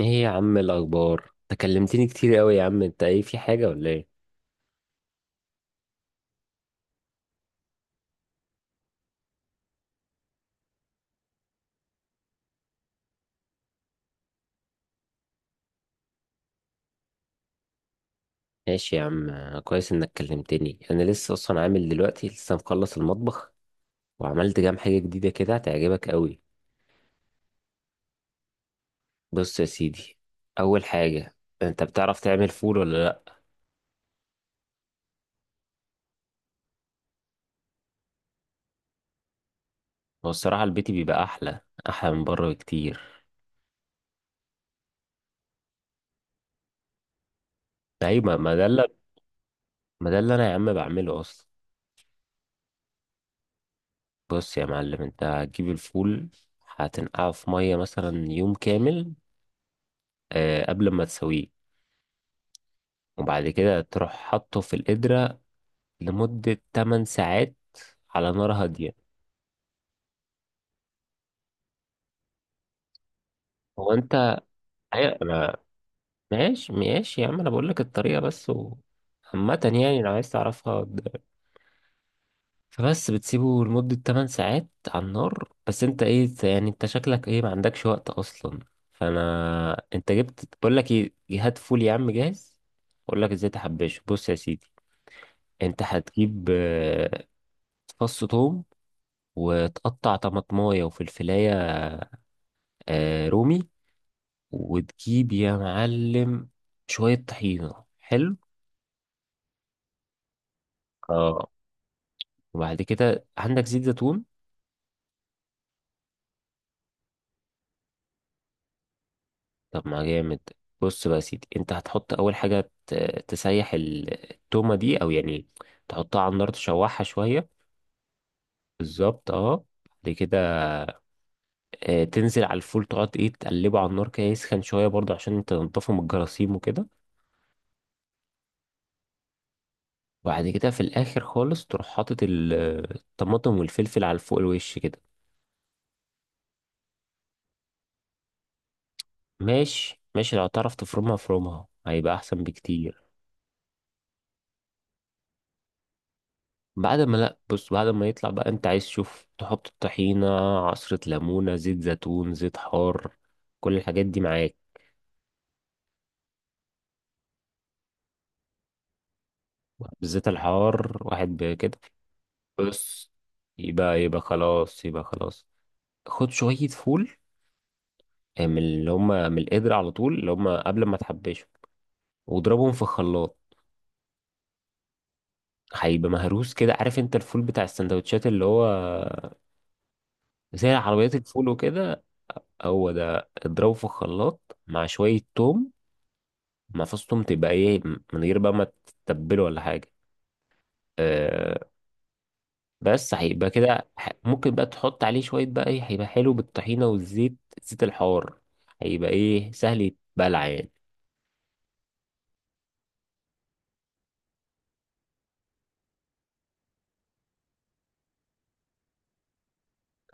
ايه يا عم، الاخبار؟ تكلمتني كتير قوي يا عم. انت ايه، في حاجه ولا ايه؟ ماشي يا عم. كويس انك كلمتني، انا لسه اصلا عامل دلوقتي، لسه مخلص المطبخ وعملت كام حاجه جديده كده هتعجبك قوي. بص يا سيدي، اول حاجه، انت بتعرف تعمل فول ولا لا؟ هو الصراحه البيت بيبقى احلى، احلى من بره بكتير. ايوه، ما ده اللي انا يا عم بعمله اصلا. بص يا معلم، انت هتجيب الفول، هتنقعه في ميه مثلا يوم كامل، قبل ما تسويه، وبعد كده تروح حاطه في القدرة لمدة 8 ساعات على نار هادية. هو انت. أيوة، انا ماشي يا عم، انا بقول لك الطريقة بس عامة يعني، لو عايز تعرفها فبس بتسيبه لمدة 8 ساعات على النار. بس انت ايه يعني، انت شكلك ايه، ما عندكش وقت اصلا. فانا انت جبت، بقول لك ايه، هات فول يا عم جاهز، اقول لك ازاي تحبشه. بص يا سيدي، انت هتجيب فص ثوم وتقطع طماطمايه وفلفلايه، آه رومي، وتجيب يا معلم شوية طحينة. حلو. اه. وبعد كده عندك زيت زيتون. طب ما جامد. بص بقى يا سيدي، انت هتحط اول حاجة تسيح التومة دي، او يعني تحطها على النار تشوحها شوية. بالظبط، اه. بعد كده تنزل على الفول، تقعد ايه، تقلبه على النار كده يسخن شوية برضه عشان تنضفه من الجراثيم وكده. وبعد كده في الاخر خالص تروح حاطط الطماطم والفلفل على فوق الوش كده. ماشي ماشي، لو تعرف تفرمها فرومها هيبقى احسن بكتير. بعد ما، لا، بص، بعد ما يطلع بقى انت عايز تشوف تحط الطحينة، عصرة ليمونة، زيت زيتون، زيت حار، كل الحاجات دي معاك. واحد بالزيت الحار، واحد بكده. بص، يبقى خلاص، يبقى خلاص. خد شوية فول من اللي هما، من القدر على طول اللي هما قبل ما تحبشهم، واضربهم في خلاط. هيبقى مهروس كده، عارف انت الفول بتاع السندوتشات، اللي هو زي عربيات الفول وكده. هو ده. اضربه في الخلاط مع شوية توم، مع فص توم، تبقى ايه، من غير بقى ما تتبله ولا حاجة. أه. بس هيبقى كده، ممكن بقى تحط عليه شوية بقى ايه، هيبقى حلو بالطحينة والزيت، زيت الحار. هيبقى ايه، سهل يتبلع يعني.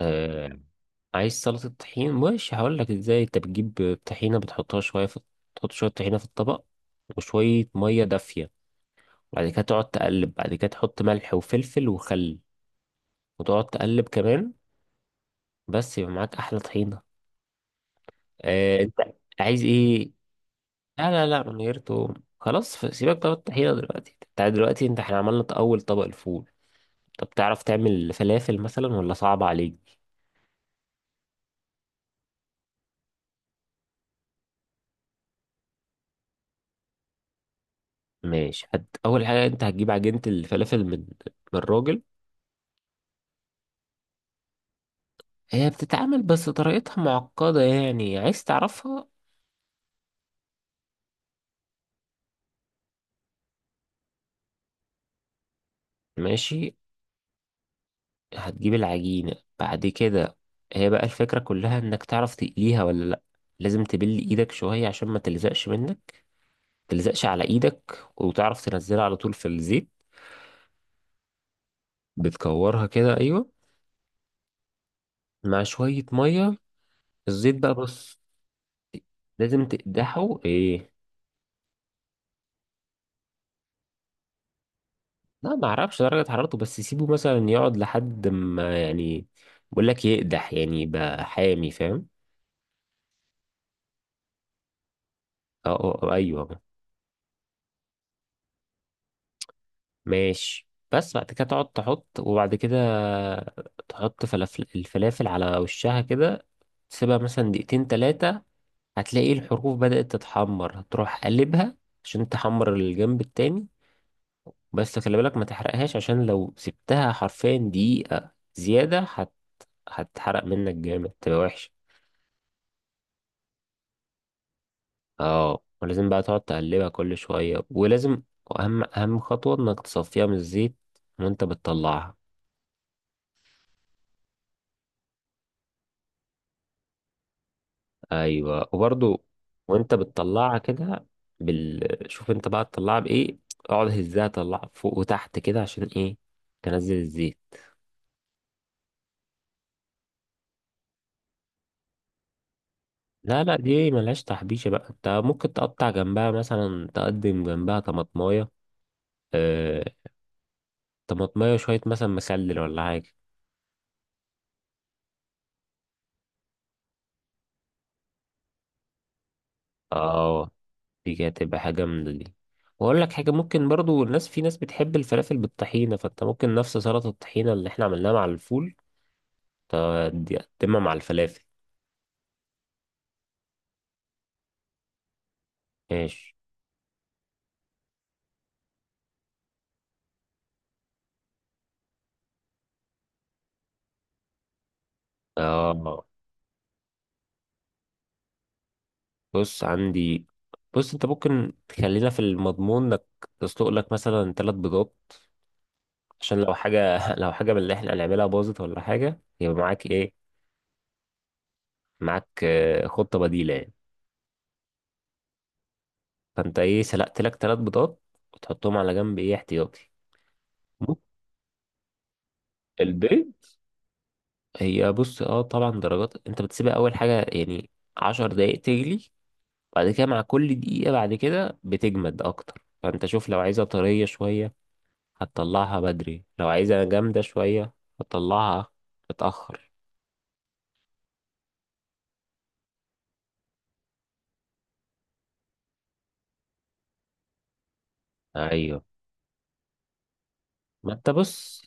أه. عايز سلطة طحين؟ مش هقول لك ازاي. انت بتجيب طحينة، بتحطها شوية في، تحط شوية طحينة في الطبق وشوية مية دافية، بعد كده تقعد تقلب، بعد كده تحط ملح وفلفل وخل، وتقعد تقلب كمان. بس يبقى معاك احلى طحينه. انت عايز ايه. لا لا لا، من غير توم. خلاص. سيبك بقى من الطحينه دلوقتي، انت دلوقتي، انت احنا عملنا اول طبق، الفول. طب تعرف تعمل فلافل مثلا ولا صعب عليك؟ ماشي. اول حاجه، انت هتجيب عجينه الفلافل من، من الراجل. هي بتتعمل بس طريقتها معقده يعني، عايز تعرفها؟ ماشي، هتجيب العجينه. بعد كده هي بقى الفكره كلها انك تعرف تقليها ولا لا. لازم تبل ايدك شويه عشان ما تلزقش منك، تلزقش على ايدك، وتعرف تنزلها على طول في الزيت. بتكورها كده، ايوه، مع شوية مية. الزيت بقى، بص، لازم تقدحه ايه. لا ما اعرفش درجة حرارته، بس سيبه مثلا يقعد لحد ما يعني، بقول لك يقدح يعني، يبقى حامي، فاهم. اه. ايوه. ماشي. بس بعد كده تقعد تحط، وبعد كده تحط فلافل، الفلافل على وشها كده، تسيبها مثلا دقيقتين تلاتة، هتلاقي الحروف بدأت تتحمر، هتروح قلبها عشان تحمر الجنب التاني. بس خلي بالك ما تحرقهاش، عشان لو سبتها حرفيا دقيقة زيادة هتحرق منك جامد، تبقى وحشة. اه، ولازم بقى تقعد تقلبها كل شوية، ولازم أهم أهم خطوة إنك تصفيها من الزيت وأنت بتطلعها. أيوة، وبرضو وأنت بتطلعها كده شوف أنت بقى تطلعها بإيه، اقعد هزها، طلعها فوق وتحت كده عشان إيه، تنزل الزيت. لا لا، دي ملهاش تحبيشة بقى. انت ممكن تقطع جنبها مثلا، تقدم جنبها طماطماية، آه، طماطماية، شوية مثلا مخلل ولا حاجة. اه. دي كده تبقى حاجة جامدة دي. واقول لك حاجة، ممكن برضو، الناس، في ناس بتحب الفلافل بالطحينة، فانت ممكن نفس سلطة الطحينة اللي احنا عملناها مع الفول ت- دي تقدمها مع الفلافل. ماشي. اه، بص عندي. بص، انت ممكن تخلينا في المضمون، انك تسلق لك مثلا ثلاث بيضات، عشان لو حاجة لو حاجة من اللي احنا هنعملها باظت ولا حاجة، يبقى معاك ايه، معاك خطة بديلة يعني. فانت ايه، سلقت لك ثلاث بيضات وتحطهم على جنب ايه، احتياطي. بص، البيض، هي، بص، اه، طبعا درجات، انت بتسيبها اول حاجة يعني عشر دقايق تجلي، بعد كده مع كل دقيقة بعد كده بتجمد اكتر، فانت شوف، لو عايزها طرية شوية هتطلعها بدري، لو عايزها جامدة شوية هتطلعها متأخر. ايوه. ما انت، بص،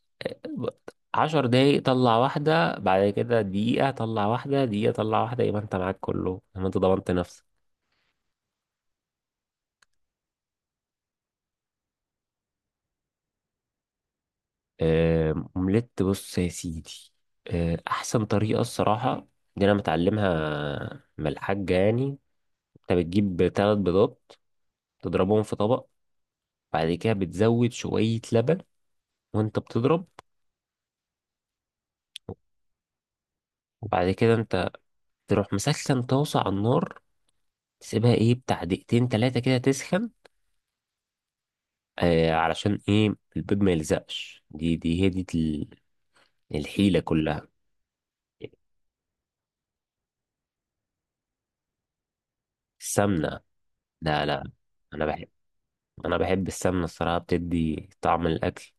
عشر دقايق طلع واحدة، بعد كده دقيقة طلع واحدة، دقيقة طلع واحدة، يبقى انت معاك كله لما انت ضمنت نفسك. اومليت، بص يا سيدي، احسن طريقة الصراحة دي انا متعلمها من الحاجة يعني. انت بتجيب تلات بيضات، تضربهم في طبق، بعد كده بتزود شوية لبن وانت بتضرب. وبعد كده انت تروح مسخن طاسة على النار، تسيبها ايه، بتاع دقيقتين تلاتة كده تسخن، علشان ايه البيض ما يلزقش، دي هي الحيلة كلها. السمنة. لا لا. انا بحب، انا بحب السمنة الصراحة، بتدي طعم الاكل.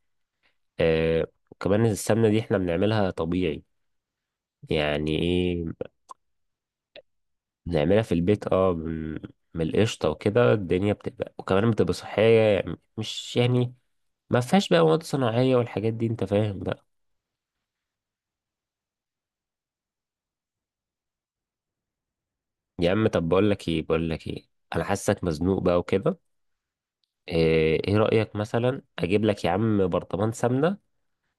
آه، وكمان السمنة دي احنا بنعملها طبيعي، يعني ايه، بنعملها في البيت. اه، من، من القشطة وكده. الدنيا بتبقى، وكمان بتبقى صحية يعني، مش يعني ما فيهاش بقى مواد صناعية والحاجات دي، انت فاهم بقى. يا عم، طب بقول لك ايه، بقول لك ايه، انا حاسك مزنوق بقى وكده، ايه إيه رأيك مثلا اجيب لك يا عم برطمان سمنة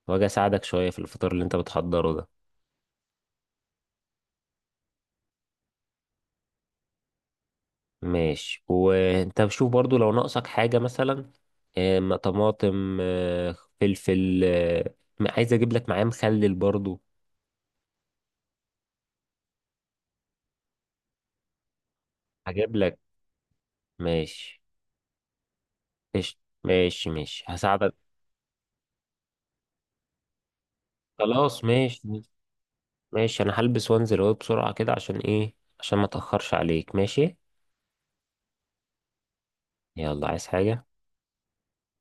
واجي اساعدك شوية في الفطار اللي انت بتحضره ده؟ ماشي. وانت بشوف برضو لو ناقصك حاجة مثلا، إيه، طماطم، فلفل، عايز اجيب لك معاه مخلل برضو. هجيب لك. ماشي. قشطة. ماشي ماشي، هساعدك. خلاص ماشي. ماشي، انا هلبس وانزل اهو بسرعة كده، عشان ايه، عشان ما اتأخرش عليك، ماشي. يلا، عايز حاجة؟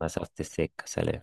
مسافة السكة، سلام.